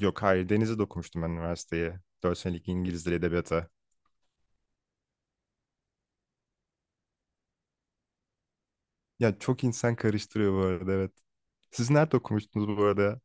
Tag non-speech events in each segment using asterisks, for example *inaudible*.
Yok hayır denize de okumuştum ben üniversiteye. 4 senelik İngiliz Dili Edebiyatı. Ya çok insan karıştırıyor bu arada evet. Siz nerede okumuştunuz bu arada?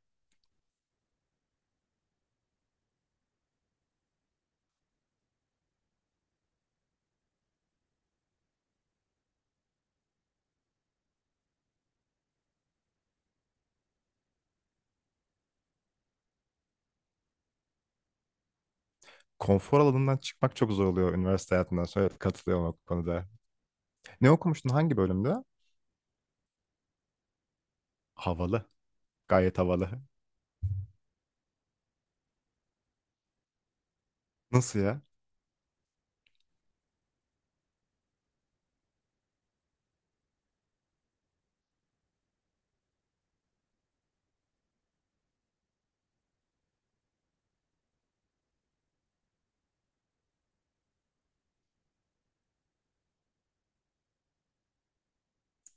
Konfor alanından çıkmak çok zor oluyor üniversite hayatından sonra evet, katılıyorum o konuda. Ne okumuştun hangi bölümde? Havalı. Gayet havalı. Nasıl ya?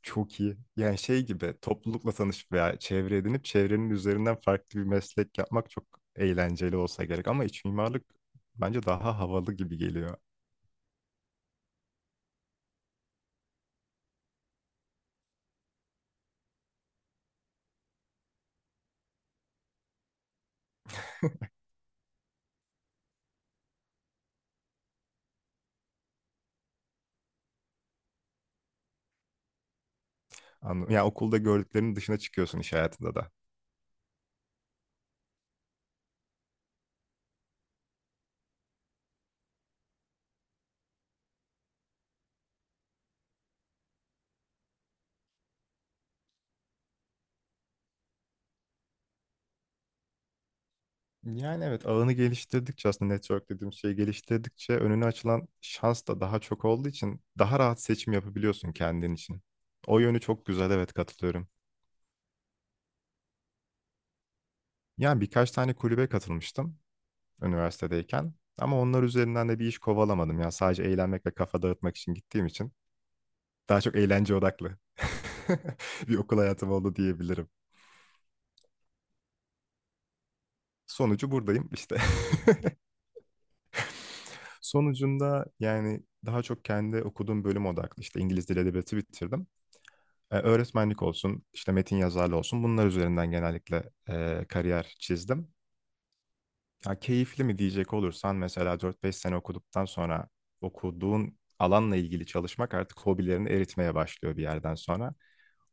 Çok iyi. Yani şey gibi toplulukla tanışıp veya çevre edinip çevrenin üzerinden farklı bir meslek yapmak çok eğlenceli olsa gerek. Ama iç mimarlık bence daha havalı gibi geliyor. Anladım. Yani okulda gördüklerinin dışına çıkıyorsun iş hayatında da. Yani evet ağını geliştirdikçe aslında network dediğim şeyi geliştirdikçe önüne açılan şans da daha çok olduğu için daha rahat seçim yapabiliyorsun kendin için. O yönü çok güzel evet katılıyorum. Yani birkaç tane kulübe katılmıştım üniversitedeyken ama onlar üzerinden de bir iş kovalamadım. Yani sadece eğlenmek ve kafa dağıtmak için gittiğim için daha çok eğlence odaklı *laughs* bir okul hayatım oldu diyebilirim. Sonucu buradayım işte. *laughs* Sonucunda yani daha çok kendi okuduğum bölüm odaklı işte İngiliz Dili Edebiyatı bitirdim. Öğretmenlik olsun, işte metin yazarlığı olsun bunlar üzerinden genellikle kariyer çizdim. Ya keyifli mi diyecek olursan mesela dört beş sene okuduktan sonra okuduğun alanla ilgili çalışmak artık hobilerini eritmeye başlıyor bir yerden sonra.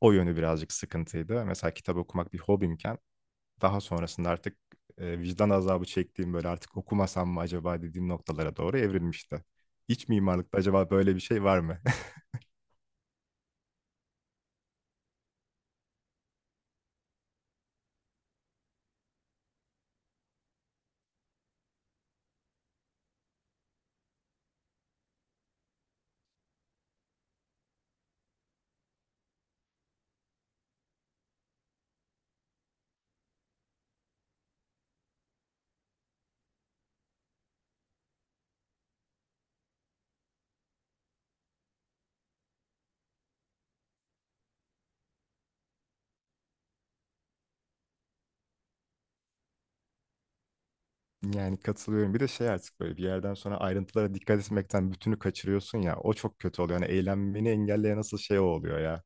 O yönü birazcık sıkıntıydı. Mesela kitap okumak bir hobimken daha sonrasında artık vicdan azabı çektiğim böyle artık okumasam mı acaba dediğim noktalara doğru evrilmişti. İç mimarlıkta acaba böyle bir şey var mı? *laughs* Yani katılıyorum. Bir de şey artık böyle bir yerden sonra ayrıntılara dikkat etmekten bütünü kaçırıyorsun ya. O çok kötü oluyor. Yani eğlenmeni engelleyen nasıl şey o oluyor ya.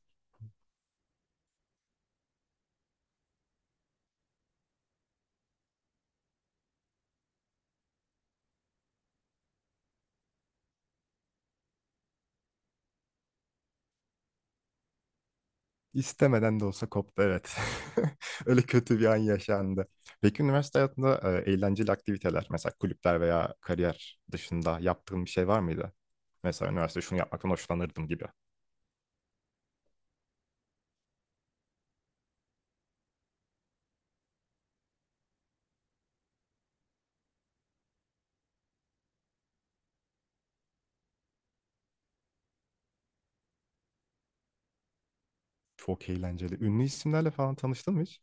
İstemeden de olsa koptu evet. *laughs* Öyle kötü bir an yaşandı. Peki üniversite hayatında eğlenceli aktiviteler mesela kulüpler veya kariyer dışında yaptığın bir şey var mıydı? Mesela üniversite şunu yapmaktan hoşlanırdım gibi. Çok eğlenceli. Ünlü isimlerle falan tanıştın mı hiç?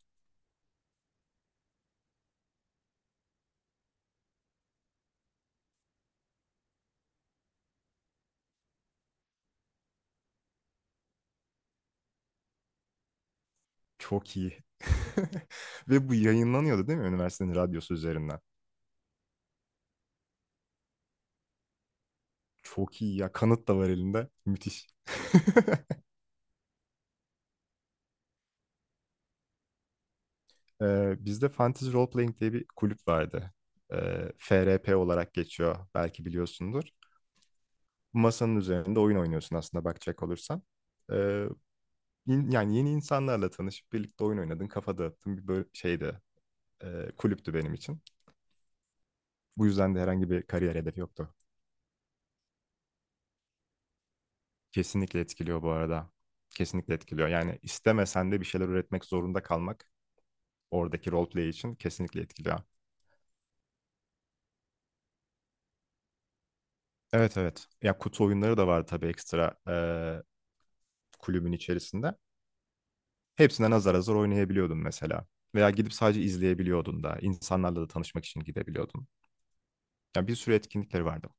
Çok iyi. *laughs* Ve bu yayınlanıyordu değil mi üniversitenin radyosu üzerinden? Çok iyi ya. Kanıt da var elinde. Müthiş. *laughs* Bizde Fantasy Role Playing diye bir kulüp vardı. FRP olarak geçiyor. Belki biliyorsundur. Masanın üzerinde oyun oynuyorsun aslında bakacak olursan. Ee, Yani yeni insanlarla tanışıp birlikte oyun oynadın, kafa dağıttın bir böyle şeydi. Kulüptü benim için. Bu yüzden de herhangi bir kariyer hedefi yoktu. Kesinlikle etkiliyor bu arada. Kesinlikle etkiliyor. Yani istemesen de bir şeyler üretmek zorunda kalmak oradaki roleplay için kesinlikle etkiliyor. Evet, evet. Ya kutu oyunları da var tabii ekstra kulübün içerisinde. Hepsinden azar azar oynayabiliyordun mesela. Veya gidip sadece izleyebiliyordun da. İnsanlarla da tanışmak için gidebiliyordun. Ya bir sürü etkinlikleri vardı.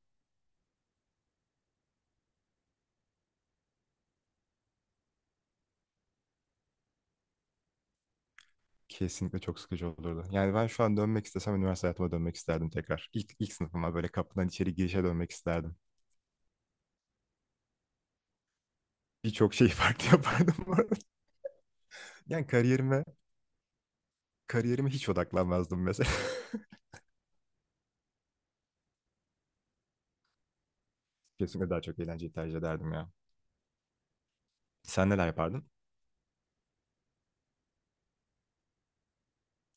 Kesinlikle çok sıkıcı olurdu. Yani ben şu an dönmek istesem üniversite hayatıma dönmek isterdim tekrar. İlk sınıfıma böyle kapıdan içeri girişe dönmek isterdim. Birçok şeyi *laughs* farklı yapardım bu arada. Yani kariyerime Kariyerime hiç odaklanmazdım mesela. *laughs* Kesinlikle daha çok eğlenceyi tercih ederdim ya. Sen neler yapardın?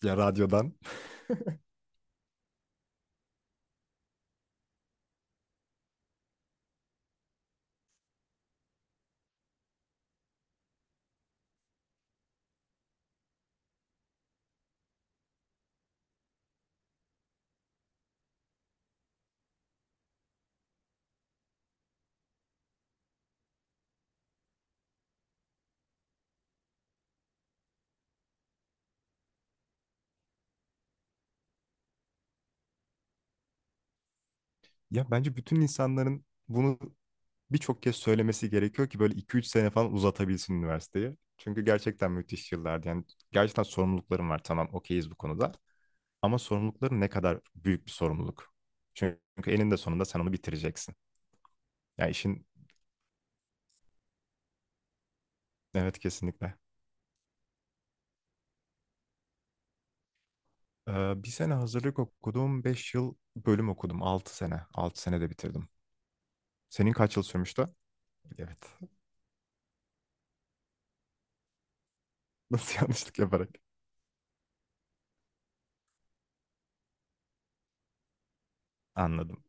Ya radyodan. *laughs* Ya bence bütün insanların bunu birçok kez söylemesi gerekiyor ki böyle iki üç sene falan uzatabilsin üniversiteyi. Çünkü gerçekten müthiş yıllardı. Yani gerçekten sorumluluklarım var. Tamam okeyiz bu konuda. Ama sorumlulukların ne kadar büyük bir sorumluluk. Çünkü eninde sonunda sen onu bitireceksin. Yani işin evet kesinlikle. Bir sene hazırlık okudum. 5 yıl bölüm okudum. 6 sene. 6 sene de bitirdim. Senin kaç yıl sürmüştü? Evet. *laughs* Nasıl yanlışlık yaparak? Anladım.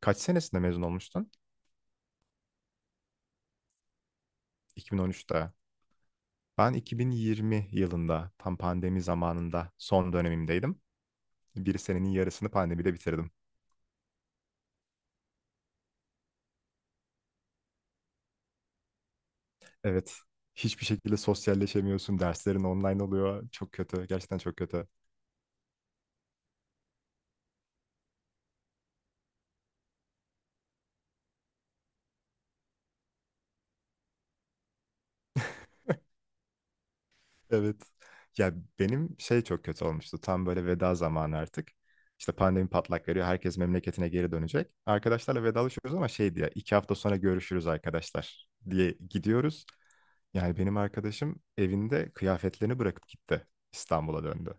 Kaç senesinde mezun olmuştun? 2013'te. Ben 2020 yılında tam pandemi zamanında son dönemimdeydim. Bir senenin yarısını pandemide bitirdim. Evet. Hiçbir şekilde sosyalleşemiyorsun. Derslerin online oluyor. Çok kötü. Gerçekten çok kötü. Evet. Ya benim şey çok kötü olmuştu. Tam böyle veda zamanı artık. İşte pandemi patlak veriyor. Herkes memleketine geri dönecek. Arkadaşlarla vedalaşıyoruz ama şey diye 2 hafta sonra görüşürüz arkadaşlar diye gidiyoruz. Yani benim arkadaşım evinde kıyafetlerini bırakıp gitti. İstanbul'a döndü.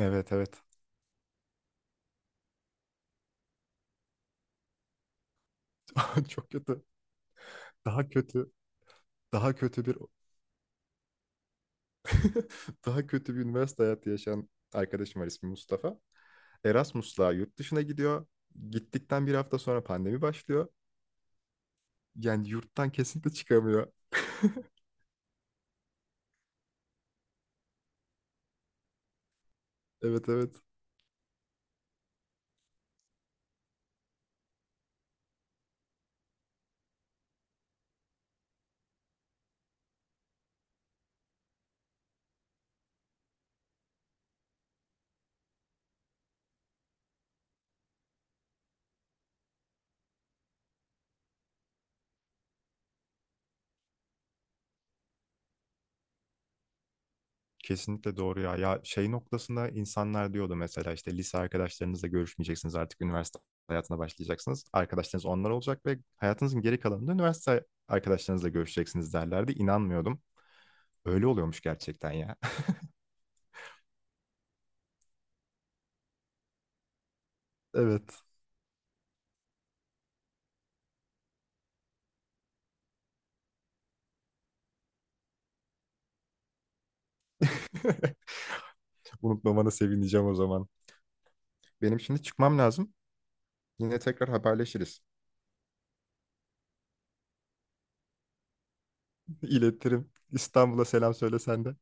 Evet, evet. *laughs* Çok kötü. Daha kötü. Daha kötü bir *laughs* Daha kötü bir üniversite hayatı yaşayan arkadaşım var ismi Mustafa. Erasmus'la yurt dışına gidiyor. Gittikten bir hafta sonra pandemi başlıyor. Yani yurttan kesinlikle çıkamıyor. *laughs* Evet, evet. Kesinlikle doğru ya. Ya şey noktasında insanlar diyordu mesela işte lise arkadaşlarınızla görüşmeyeceksiniz artık üniversite hayatına başlayacaksınız. Arkadaşlarınız onlar olacak ve hayatınızın geri kalanında üniversite arkadaşlarınızla görüşeceksiniz derlerdi. İnanmıyordum. Öyle oluyormuş gerçekten ya. *laughs* Evet. Unutmamana sevineceğim o zaman. Benim şimdi çıkmam lazım. Yine tekrar haberleşiriz. *laughs* İletirim. İstanbul'a selam söyle sen de.